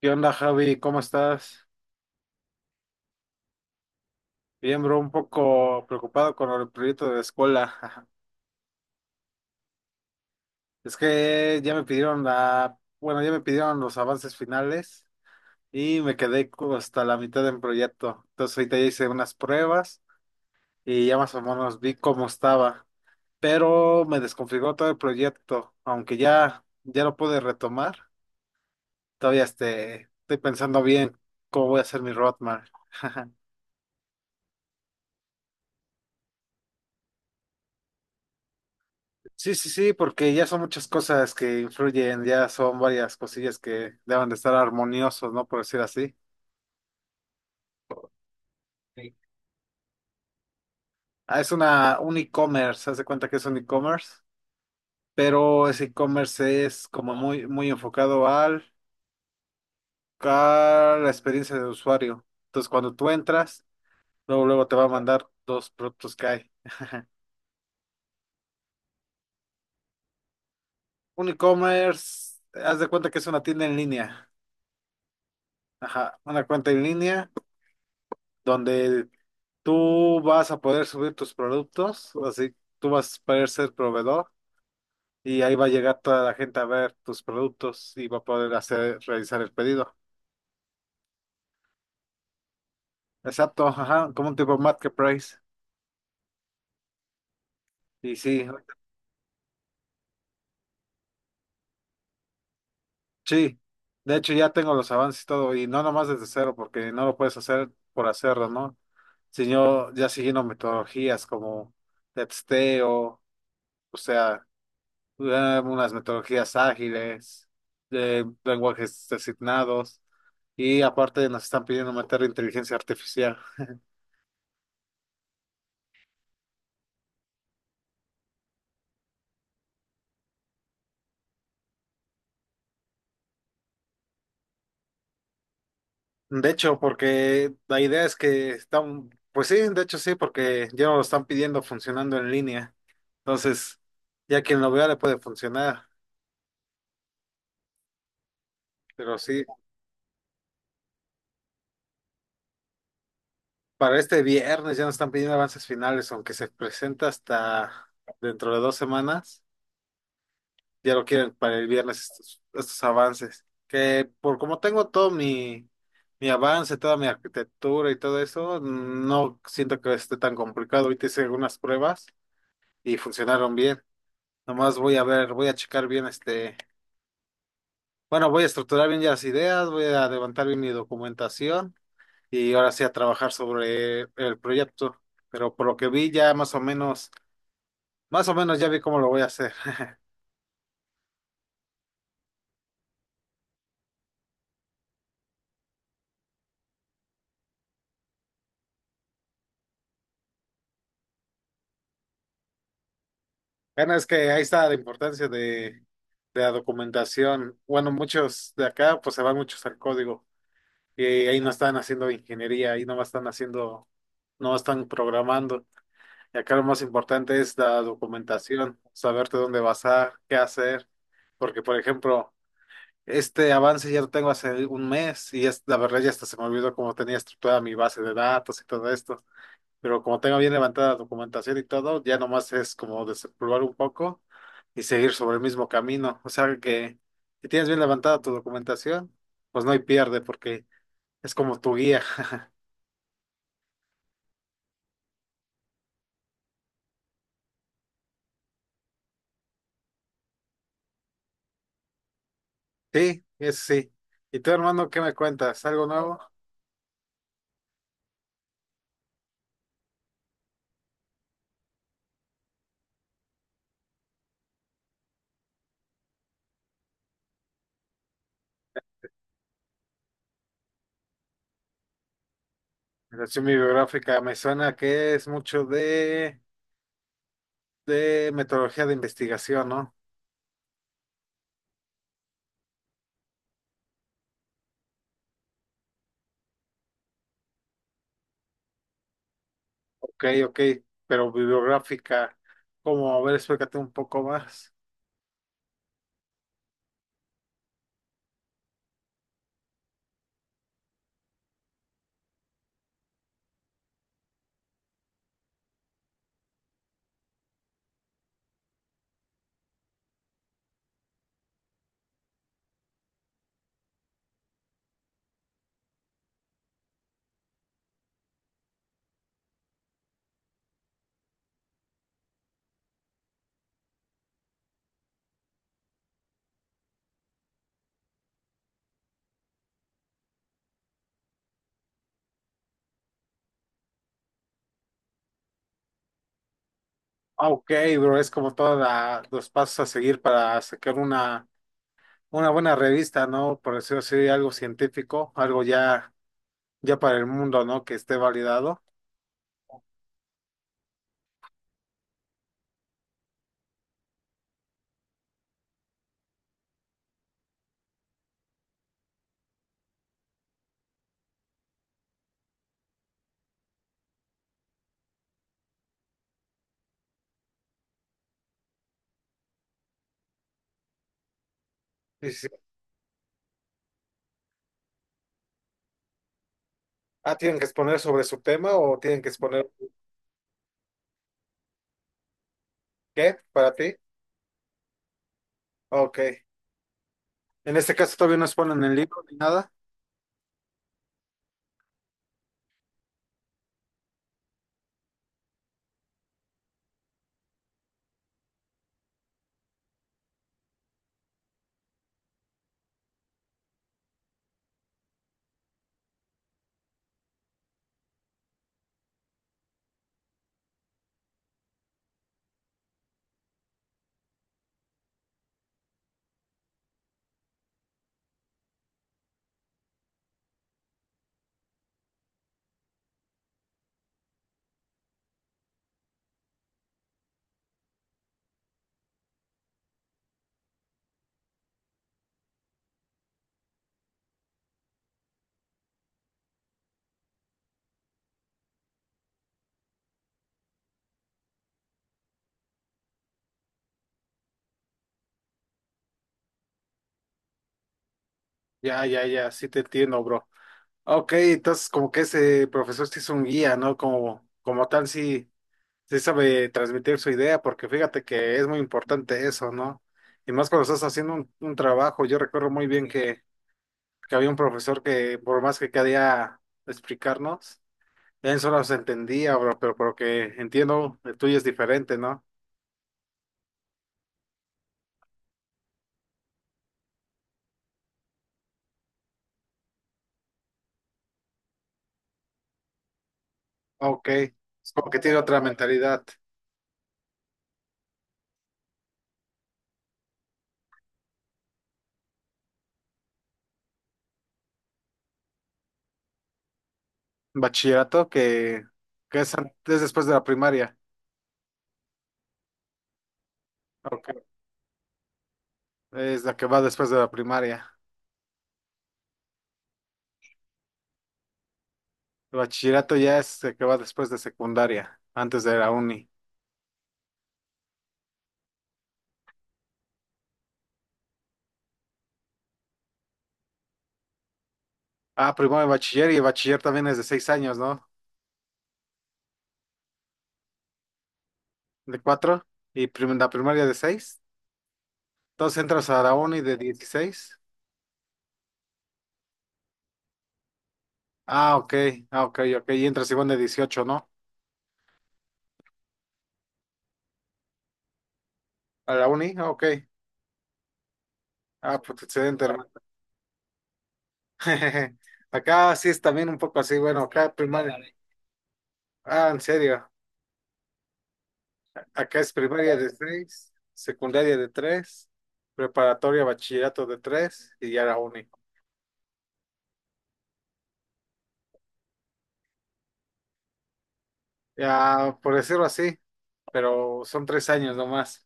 ¿Qué onda, Javi? ¿Cómo estás? Bien, bro, un poco preocupado con el proyecto de la escuela. Es que ya me pidieron ya me pidieron los avances finales y me quedé como hasta la mitad del proyecto. Entonces ahorita ya hice unas pruebas y ya más o menos vi cómo estaba, pero me desconfiguró todo el proyecto, aunque ya lo pude retomar. Todavía estoy pensando bien cómo voy a hacer mi roadmap. Sí, sí, sí, porque ya son muchas cosas que influyen, ya son varias cosillas que deben de estar armoniosos, ¿no? Por decir así. Sí. Ah, es un e-commerce, haz de cuenta que es un e-commerce, pero ese e-commerce es como muy, muy enfocado al, a la experiencia del usuario. Entonces, cuando tú entras, luego, luego te va a mandar dos productos que hay. Un e-commerce, haz de cuenta que es una tienda en línea. Ajá, una cuenta en línea donde tú vas a poder subir tus productos, así tú vas a poder ser proveedor y ahí va a llegar toda la gente a ver tus productos y va a poder hacer, realizar el pedido. Exacto, ajá, como un tipo marketplace. Y sí, sí, de hecho ya tengo los avances y todo, y no nomás desde cero, porque no lo puedes hacer por hacerlo, ¿no? Sino ya siguiendo metodologías como de testeo, o sea. Unas metodologías ágiles, lenguajes designados y aparte nos están pidiendo meter inteligencia artificial. De hecho, porque la idea es que están, pues sí, de hecho sí, porque ya no lo están pidiendo funcionando en línea. Entonces, ya quien lo vea le puede funcionar, pero sí, para este viernes ya nos están pidiendo avances finales, aunque se presenta hasta dentro de 2 semanas. Ya lo quieren para el viernes estos avances. Que por como tengo todo mi avance, toda mi arquitectura y todo eso, no siento que esté tan complicado. Ahorita hice algunas pruebas y funcionaron bien. Nomás voy a ver, voy a checar bien bueno, voy a estructurar bien ya las ideas, voy a levantar bien mi documentación y ahora sí a trabajar sobre el proyecto. Pero por lo que vi ya más o menos, ya vi cómo lo voy a hacer. Bueno, es que ahí está la importancia de la documentación. Bueno, muchos de acá pues se van muchos al código y ahí no están haciendo ingeniería, ahí no están haciendo, no están programando. Y acá lo más importante es la documentación, saberte dónde basar, qué hacer, porque por ejemplo, este avance ya lo tengo hace un mes y es, la verdad ya hasta se me olvidó cómo tenía estructurada mi base de datos y todo esto, pero como tengo bien levantada la documentación y todo, ya nomás es como desempolvar un poco y seguir sobre el mismo camino. O sea que si tienes bien levantada tu documentación, pues no hay pierde porque es como tu guía. Sí, es sí. ¿Y tú, hermano, qué me cuentas? ¿Algo nuevo? La relación bibliográfica me suena que es mucho de metodología de investigación, ¿no? Ok, ok, pero bibliográfica, ¿cómo? A ver, explícate un poco más. Ah, ok, bro, es como todos los pasos a seguir para sacar una buena revista, ¿no? Por decirlo así, algo científico, algo ya, ya para el mundo, ¿no? Que esté validado. Sí, sí, sí. Ah, ¿tienen que exponer sobre su tema o tienen que exponer qué para ti? Ok. En este caso todavía no exponen el libro ni nada. Ya, ya, ya, sí te entiendo, bro. Ok, entonces como que ese profesor sí es un guía, ¿no? Como, como tal, sí. Sí sabe transmitir su idea, porque fíjate que es muy importante eso, ¿no? Y más cuando estás haciendo un trabajo, yo recuerdo muy bien que había un profesor que por más que quería explicarnos, él solo se entendía, bro, pero por lo que entiendo, el tuyo es diferente, ¿no? Ok, es como que tiene otra mentalidad. Bachillerato que es, es después de la primaria, ok, es la que va después de la primaria. El bachillerato ya es el que va después de secundaria, antes de la uni. Ah, primero de bachiller y bachiller también es de 6 años, ¿no? De cuatro y la primaria de seis. Entonces entras a la uni de 16. Ah, ok, ah, ok, ok. Y entras igual de 18, ¿no? A la uni, ah, ok. Ah, pues excelente, hermano. Acá sí es también un poco así, bueno, acá primaria. Ah, en serio. Acá es primaria de seis, secundaria de tres, preparatoria, bachillerato de tres y ya la uni. Ya, por decirlo así, pero son 3 años nomás.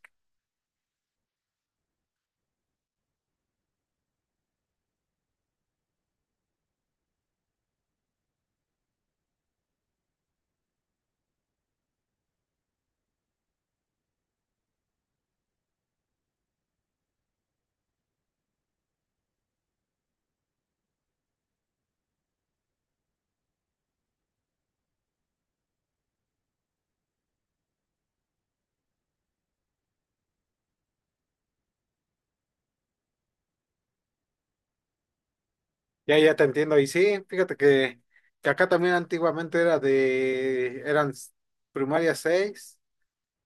Ya, ya te entiendo. Y sí, fíjate que acá también antiguamente era de, eran s- primaria 6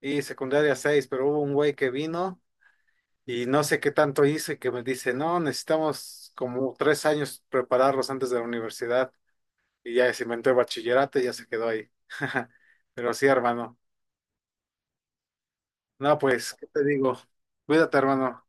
y secundaria seis, pero hubo un güey que vino y no sé qué tanto hizo y que me dice, no, necesitamos como 3 años prepararlos antes de la universidad. Y ya se inventó el bachillerato y ya se quedó ahí. Pero sí, hermano. No, pues, ¿qué te digo? Cuídate, hermano.